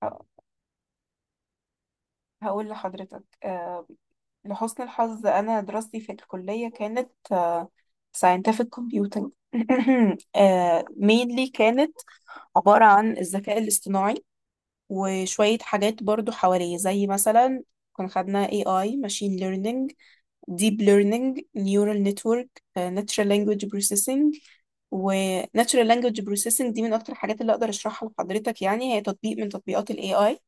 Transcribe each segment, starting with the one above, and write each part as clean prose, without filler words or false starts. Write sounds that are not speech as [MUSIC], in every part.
ه- هقول لحضرتك، لحسن الحظ أنا دراستي في الكلية كانت scientific computing [CLEARS THROAT] mainly كانت عبارة عن الذكاء الاصطناعي، وشوية حاجات برضو حواليه زي مثلا كنا خدنا AI، machine learning، deep learning، neural network، natural language processing. و natural language processing دي من أكتر الحاجات اللي أقدر أشرحها لحضرتك، يعني هي تطبيق من تطبيقات ال AI،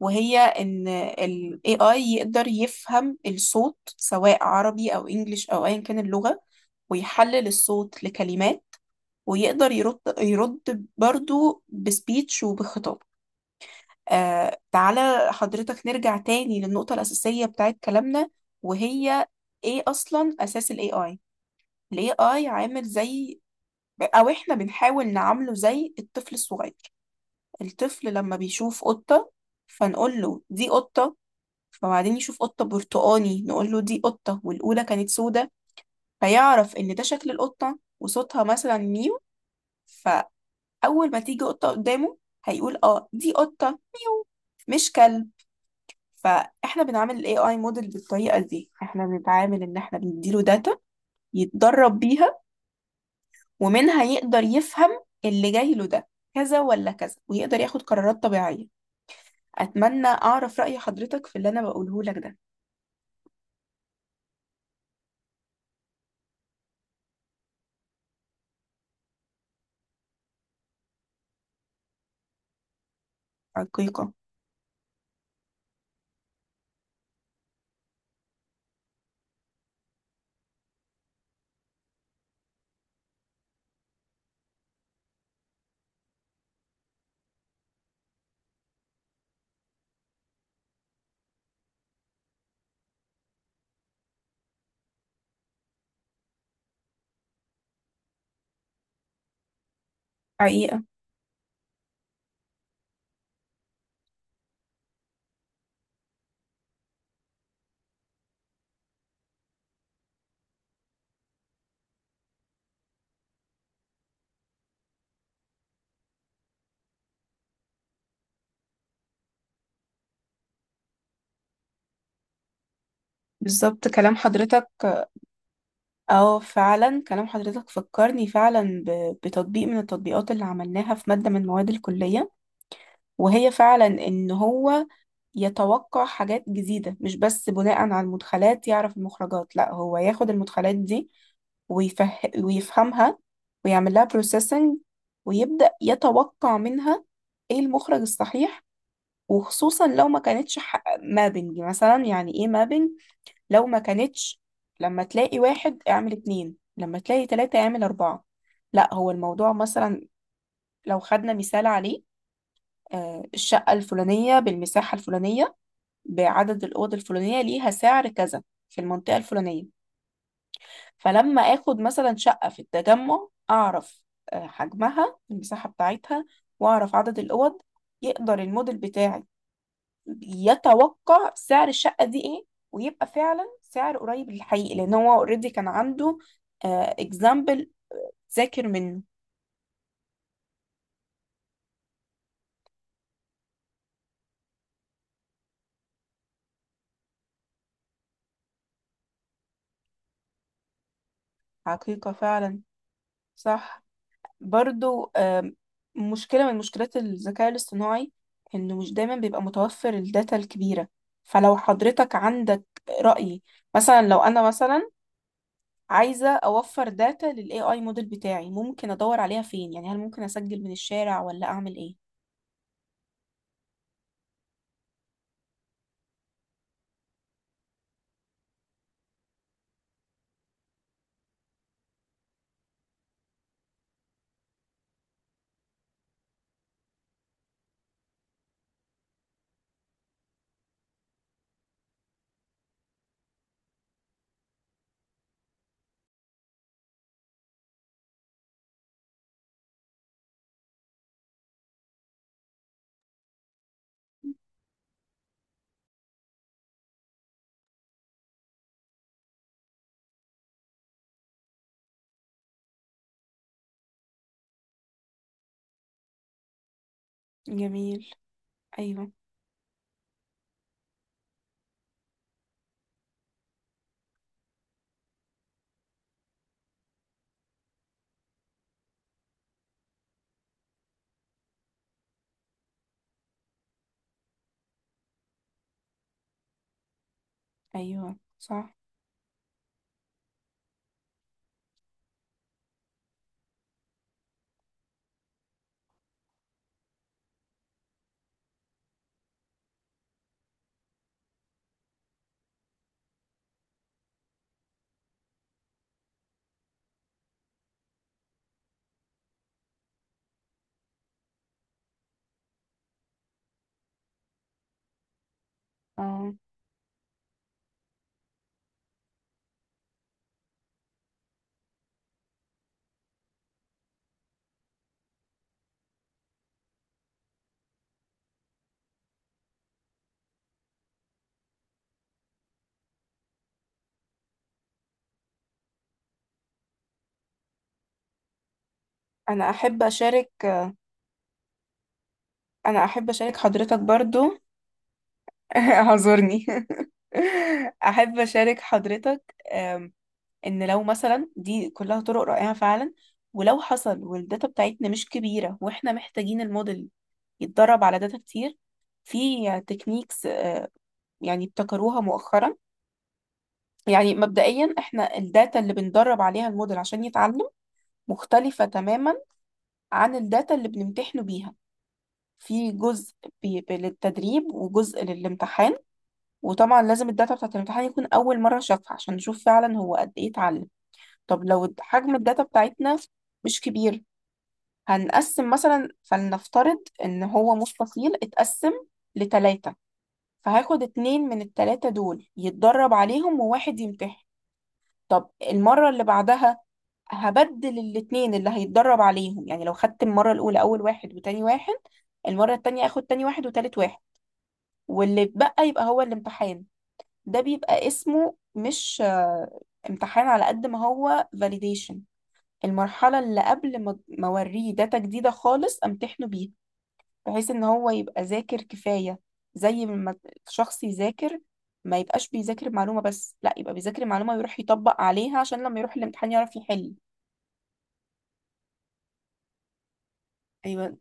وهي ان ال AI يقدر يفهم الصوت سواء عربي او انجليش او ايا كان اللغة، ويحلل الصوت لكلمات، ويقدر يرد برضو بسبيتش وبخطاب. تعالى حضرتك نرجع تاني للنقطة الأساسية بتاعت كلامنا، وهي ايه أصلا أساس ال AI. ال AI عامل زي، أو احنا بنحاول نعامله زي الطفل الصغير. الطفل لما بيشوف قطة، فنقول له دي قطة، فبعدين يشوف قطة برتقاني نقول له دي قطة والأولى كانت سودة، فيعرف إن ده شكل القطة وصوتها مثلا ميو. فأول ما تيجي قطة قدامه هيقول اه دي قطة ميو، مش كلب. فاحنا بنعمل الاي اي موديل بالطريقه دي، احنا بنتعامل ان احنا بنديله داتا يتدرب بيها، ومنها يقدر يفهم اللي جاي له ده كذا ولا كذا، ويقدر ياخد قرارات طبيعيه. اتمنى اعرف راي حضرتك في اللي انا بقوله لك ده. حقيقه. حقيقه. بالظبط كلام حضرتك. اه فعلا كلام حضرتك فكرني فعلا بتطبيق من التطبيقات اللي عملناها في مادة من مواد الكلية، وهي فعلا ان هو يتوقع حاجات جديدة، مش بس بناء على المدخلات يعرف المخرجات، لا هو ياخد المدخلات دي ويفه... ويفهمها ويعمل لها بروسيسنج، ويبدأ يتوقع منها ايه المخرج الصحيح. وخصوصا لو ما كانتش مابنج. مثلا يعني ايه مابنج؟ لو ما كانتش لما تلاقي واحد اعمل اتنين، لما تلاقي تلاتة اعمل أربعة. لا هو الموضوع مثلا، لو خدنا مثال عليه، الشقة الفلانية بالمساحة الفلانية بعدد الأوض الفلانية ليها سعر كذا في المنطقة الفلانية. فلما آخد مثلا شقة في التجمع أعرف حجمها المساحة بتاعتها، وأعرف عدد الأوض، يقدر الموديل بتاعي يتوقع سعر الشقة دي ايه، ويبقى فعلا سعر قريب للحقيقي لان هو اوريدي كان عنده اكزامبل ذاكر منه. حقيقة فعلا. صح. برضو مشكلة من مشكلات الذكاء الاصطناعي انه مش دايما بيبقى متوفر الداتا الكبيرة. فلو حضرتك عندك رأي، مثلا لو انا مثلا عايزة اوفر داتا لل AI موديل بتاعي، ممكن ادور عليها فين؟ يعني هل ممكن اسجل من الشارع ولا اعمل ايه؟ جميل. ايوه. ايوه صح. اه، انا احب اشارك انا احب اشارك حضرتك برضو. [LAUGHS] اعذرني. [LAUGHS] احب اشارك حضرتك ان لو مثلا دي كلها طرق رائعة فعلا، ولو حصل والداتا بتاعتنا مش كبيرة واحنا محتاجين الموديل يتدرب على داتا كتير، في تكنيكس يعني ابتكروها مؤخرا. يعني مبدئيا احنا الداتا اللي بندرب عليها الموديل عشان يتعلم مختلفة تماما عن الداتا اللي بنمتحنه بيها. في جزء للتدريب وجزء للامتحان. وطبعا لازم الداتا بتاعت الامتحان يكون أول مرة شافها عشان نشوف فعلا هو قد إيه اتعلم. طب لو حجم الداتا بتاعتنا مش كبير، هنقسم مثلا، فلنفترض إن هو مستطيل اتقسم لتلاتة، فهاخد اتنين من التلاتة دول يتدرب عليهم وواحد يمتحن. طب المرة اللي بعدها هبدل الاتنين اللي هيتدرب عليهم، يعني لو خدت المرة الأولى أول واحد وتاني واحد، المرة التانية هاخد تاني واحد وتالت واحد، واللي اتبقى يبقى هو الامتحان. ده بيبقى اسمه مش امتحان على قد ما هو validation. المرحلة اللي قبل ما اوريه داتا جديدة خالص امتحنه بيها، بحيث ان هو يبقى ذاكر كفاية. زي ما الشخص يذاكر، ما يبقاش بيذاكر معلومة بس، لا يبقى بيذاكر معلومة ويروح يطبق عليها عشان لما يروح الامتحان يعرف يحل. ايوه.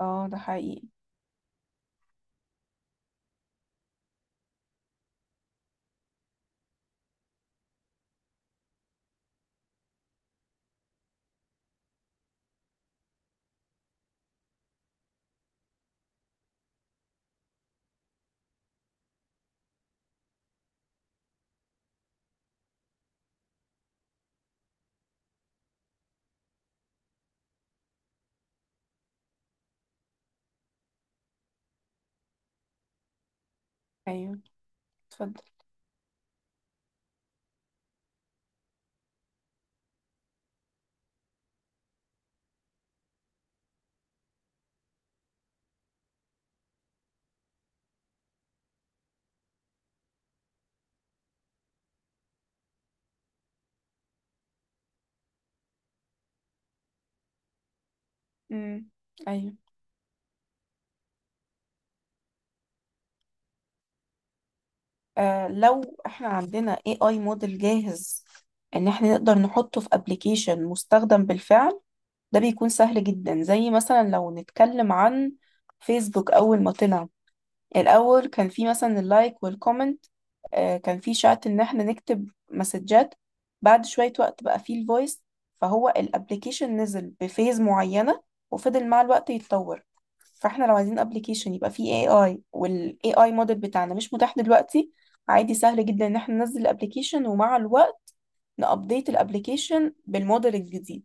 اه ده حقيقي. ايوه. اتفضل. امم. ايوه. آه لو احنا عندنا AI موديل جاهز ان احنا نقدر نحطه في ابلكيشن مستخدم بالفعل، ده بيكون سهل جدا. زي مثلا لو نتكلم عن فيسبوك، اول ما طلع الأول كان في مثلا اللايك والكومنت، كان في شات إن احنا نكتب مسجات. بعد شوية وقت بقى في الفويس. فهو الابليكيشن نزل بفيز معينة وفضل مع الوقت يتطور. فاحنا لو عايزين ابليكيشن يبقى فيه اي اي والاي اي موديل بتاعنا مش متاح دلوقتي، عادي سهل جدا ان احنا ننزل الابليكيشن ومع الوقت نابديت الابليكيشن بالموديل الجديد.